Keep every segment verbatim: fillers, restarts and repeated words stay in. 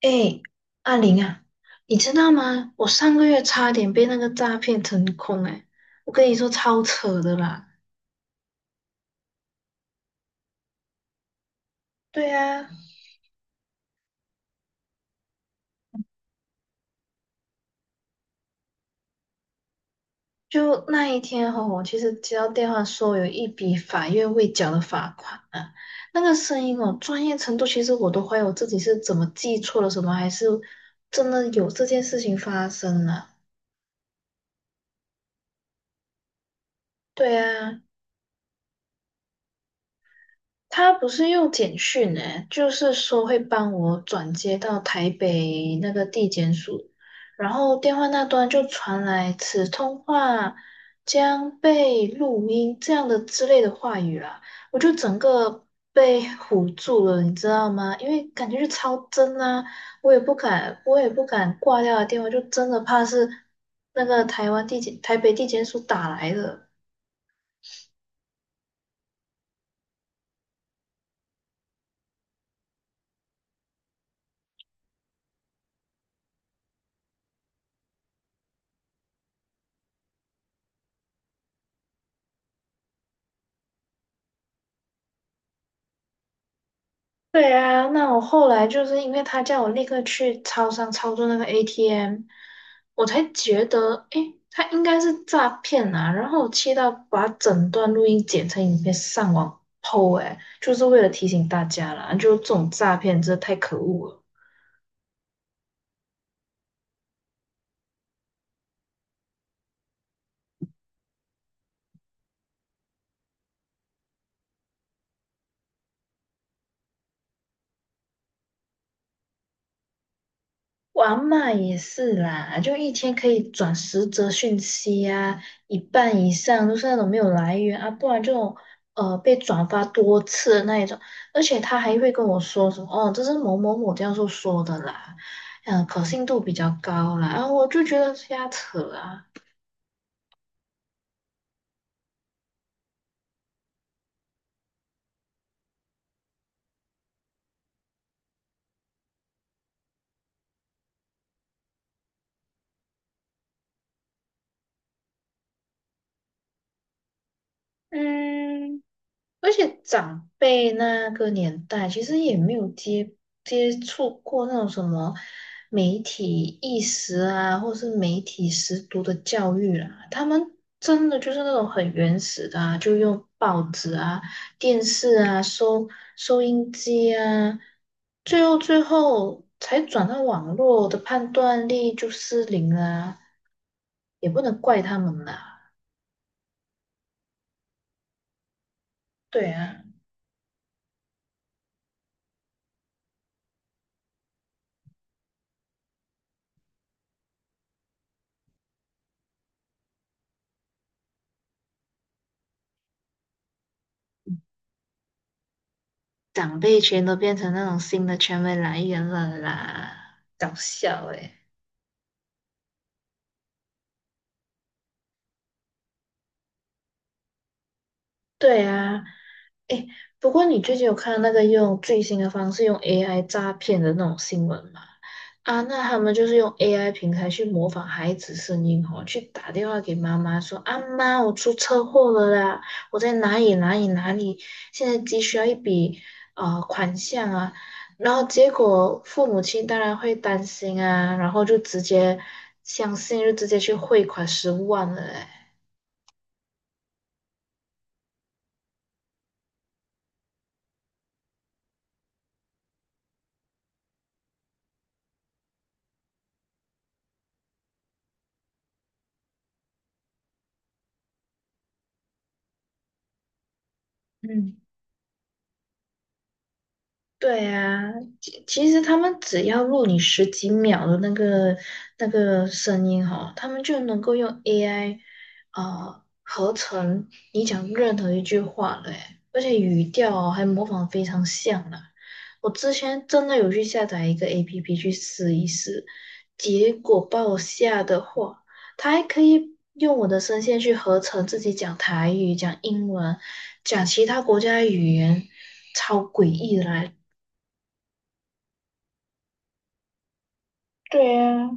哎，阿玲啊，你知道吗？我上个月差点被那个诈骗成功哎，我跟你说超扯的啦。对啊，就那一天哈、我其实接到电话说有一笔法院未缴的罚款啊，那个声音哦，专业程度其实我都怀疑我自己是怎么记错了什么，还是真的有这件事情发生了。对啊，他不是用简讯诶，就是说会帮我转接到台北那个地检署，然后电话那端就传来"此通话将被录音"这样的之类的话语啦，我就整个被唬住了，你知道吗？因为感觉是超真啊，我也不敢，我也不敢挂掉的电话，就真的怕是那个台湾地检、台北地检署打来的。对啊，那我后来就是因为他叫我立刻去超商操作那个 A T M，我才觉得，诶，他应该是诈骗啊。然后我气到把整段录音剪成影片上网 po，诶，就是为了提醒大家啦，就这种诈骗真的太可恶了。我阿嬷也是啦，就一天可以转十则讯息啊，一半以上都是那种没有来源啊，不然就呃被转发多次的那一种。而且他还会跟我说什么哦，这是某某某教授说的啦，嗯，可信度比较高啦，啊，我就觉得瞎扯啊。嗯。而且长辈那个年代其实也没有接接触过那种什么媒体意识啊，或是媒体识读的教育啦、他们真的就是那种很原始的啊，就用报纸啊、电视啊、收收音机啊，最后最后才转到网络的判断力就失灵啦、也不能怪他们啦。对啊。长辈全都变成那种新的权威来源了啦，搞笑诶、对啊，诶，不过你最近有看那个用最新的方式用 A I 诈骗的那种新闻吗？啊，那他们就是用 A I 平台去模仿孩子声音哦，去打电话给妈妈说："阿妈，我出车祸了啦，我在哪里哪里哪里，现在急需要一笔呃款项啊。"然后结果父母亲当然会担心啊，然后就直接相信，就直接去汇款十五万了诶。对啊，其其实他们只要录你十几秒的那个那个声音哈，他们就能够用 A I 呃合成你讲任何一句话嘞，而且语调哦还模仿得非常像啦。我之前真的有去下载一个 A P P 去试一试，结果把我吓得话，它还可以用我的声线去合成自己讲台语、讲英文、讲其他国家的语言，超诡异的啦！对呀，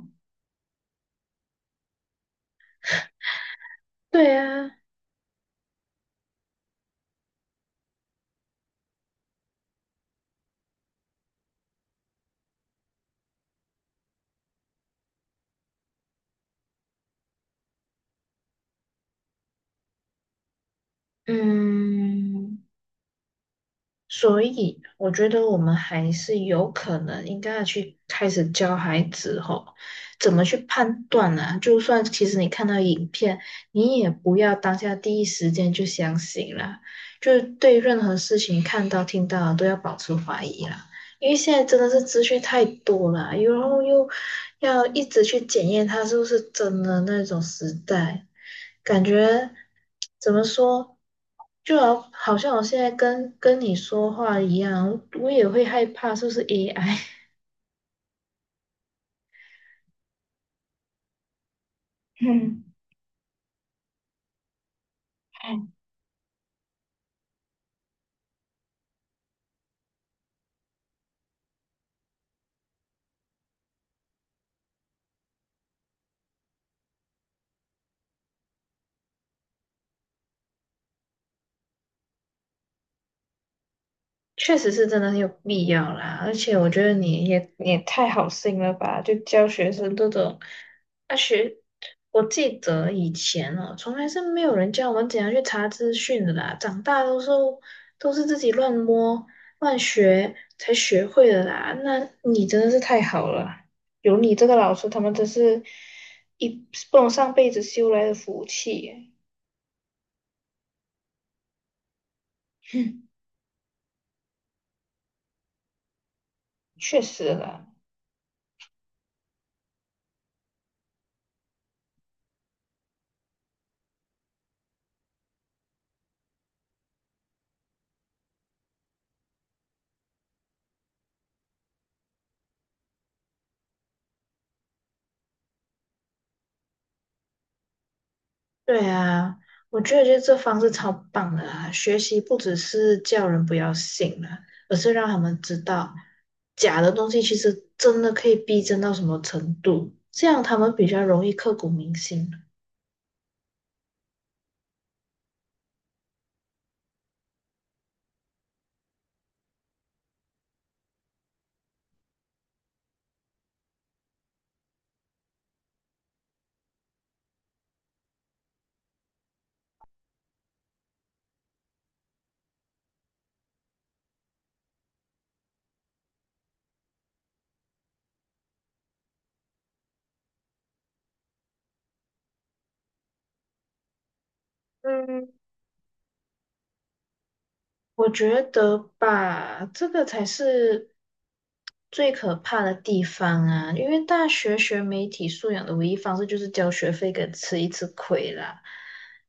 对呀。嗯，所以我觉得我们还是有可能应该要去开始教孩子吼，怎么去判断啊？就算其实你看到影片，你也不要当下第一时间就相信啦，就是对任何事情看到听到都要保持怀疑啦，因为现在真的是资讯太多了，然后又要一直去检验它是不是真的那种时代，感觉怎么说，就好好像我现在跟跟你说话一样，我也会害怕是不是 A I。嗯，确实是真的很有必要啦，而且我觉得你也你也太好心了吧，就教学生这种，啊学，我记得以前哦，从来是没有人教我们怎样去查资讯的啦，长大都是都是自己乱摸乱学才学会的啦，那你真的是太好了，有你这个老师，他们真是一不能上辈子修来的福气耶。哼，确实啦。对啊，我觉得就是这方式超棒的啊！学习不只是叫人不要信了，而是让他们知道假的东西其实真的可以逼真到什么程度，这样他们比较容易刻骨铭心。嗯，我觉得吧，这个才是最可怕的地方啊！因为大学学媒体素养的唯一方式就是交学费跟吃一次亏啦。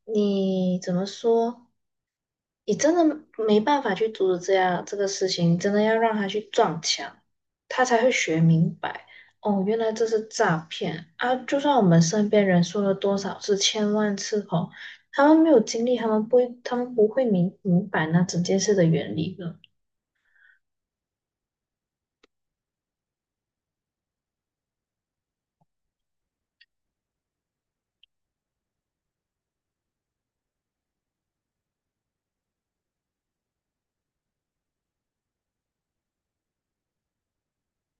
你怎么说？你真的没办法去阻止这样这个事情，真的要让他去撞墙，他才会学明白。哦，原来这是诈骗啊！就算我们身边人说了多少次、千万次哦，他们没有经历，他们不会，他们不会明明白那整件事的原理的。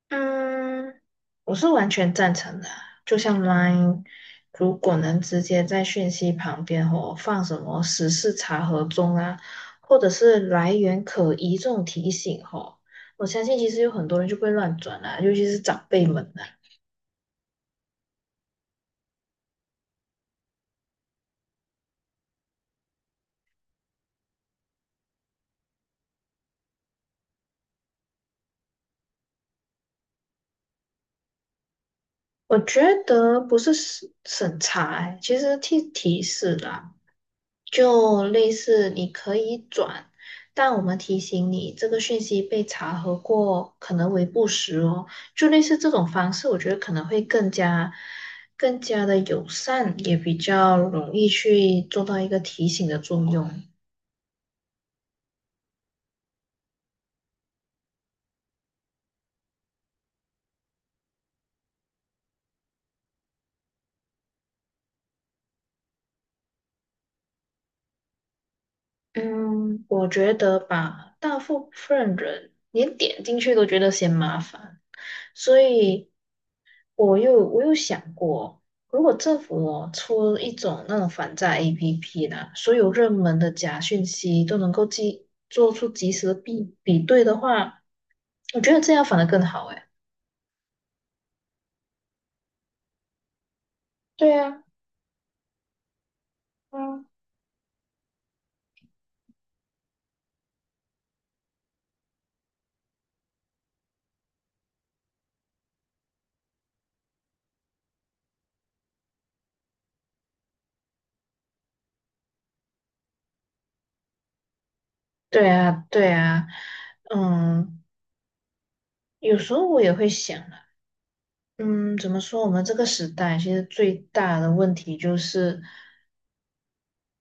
嗯，我是完全赞成的啊。就像 Line，如果能直接在讯息旁边或放什么时事查核中啊，或者是来源可疑这种提醒吼，我相信其实有很多人就不会乱转啦、尤其是长辈们啊。我觉得不是审审查欸，其实提提示啦。就类似你可以转，但我们提醒你这个讯息被查核过，可能为不实哦。就类似这种方式，我觉得可能会更加更加的友善，也比较容易去做到一个提醒的作用。嗯，我觉得吧，大部分人连点进去都觉得嫌麻烦，所以。我又我又想过，如果政府哦出一种那种反诈 A P P 呢，所有热门的假讯息都能够及做出及时的比比对的话，我觉得这样反而更好诶。对呀，嗯，对啊，对啊，嗯，有时候我也会想啊，嗯，怎么说？我们这个时代其实最大的问题就是。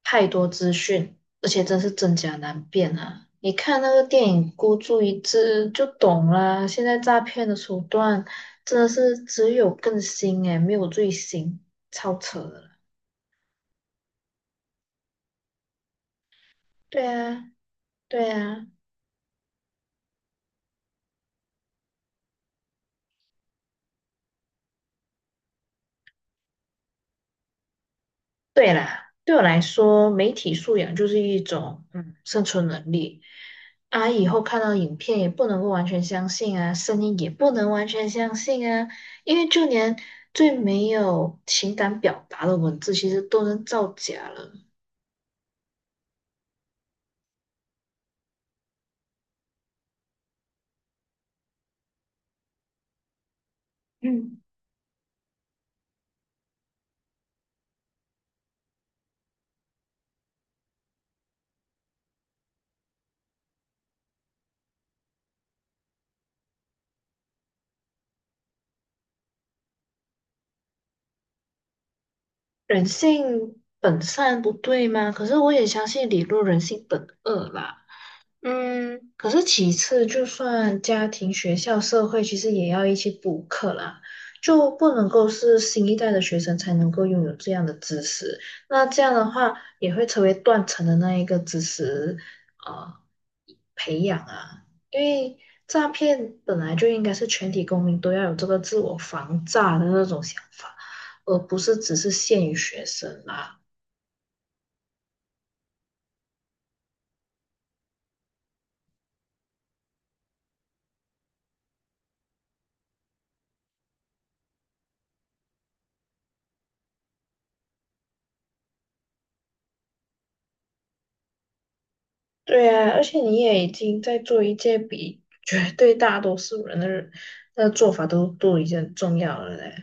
太多资讯，而且真是真假难辨啊！你看那个电影《孤注一掷》就懂啦。现在诈骗的手段真的是只有更新诶，没有最新，超扯的啦。对啊，对啊。对啦，对我来说，媒体素养就是一种嗯生存能力啊。以后看到影片也不能够完全相信啊，声音也不能完全相信啊，因为就连最没有情感表达的文字，其实都能造假了。嗯，人性本善不对吗？可是我也相信理论人性本恶啦。嗯，可是其次，就算家庭、学校、社会，其实也要一起补课啦，就不能够是新一代的学生才能够拥有这样的知识。那这样的话，也会成为断层的那一个知识，呃，培养啊。因为诈骗本来就应该是全体公民都要有这个自我防诈的那种想法，而不是只是限于学生啦。对啊，而且你也已经在做一件比绝对大多数人的人的做法都都已经很重要了嘞。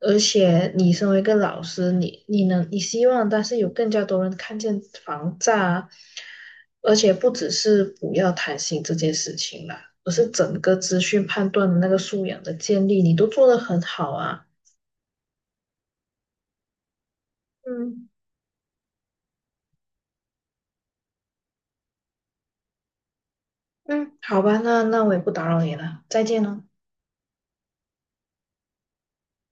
而且你身为一个老师，你你能你希望，但是有更加多人看见防诈啊，而且不只是不要贪心这件事情啦，而是整个资讯判断的那个素养的建立，你都做得很好啊。嗯嗯，好吧，那那我也不打扰你了，再见喽。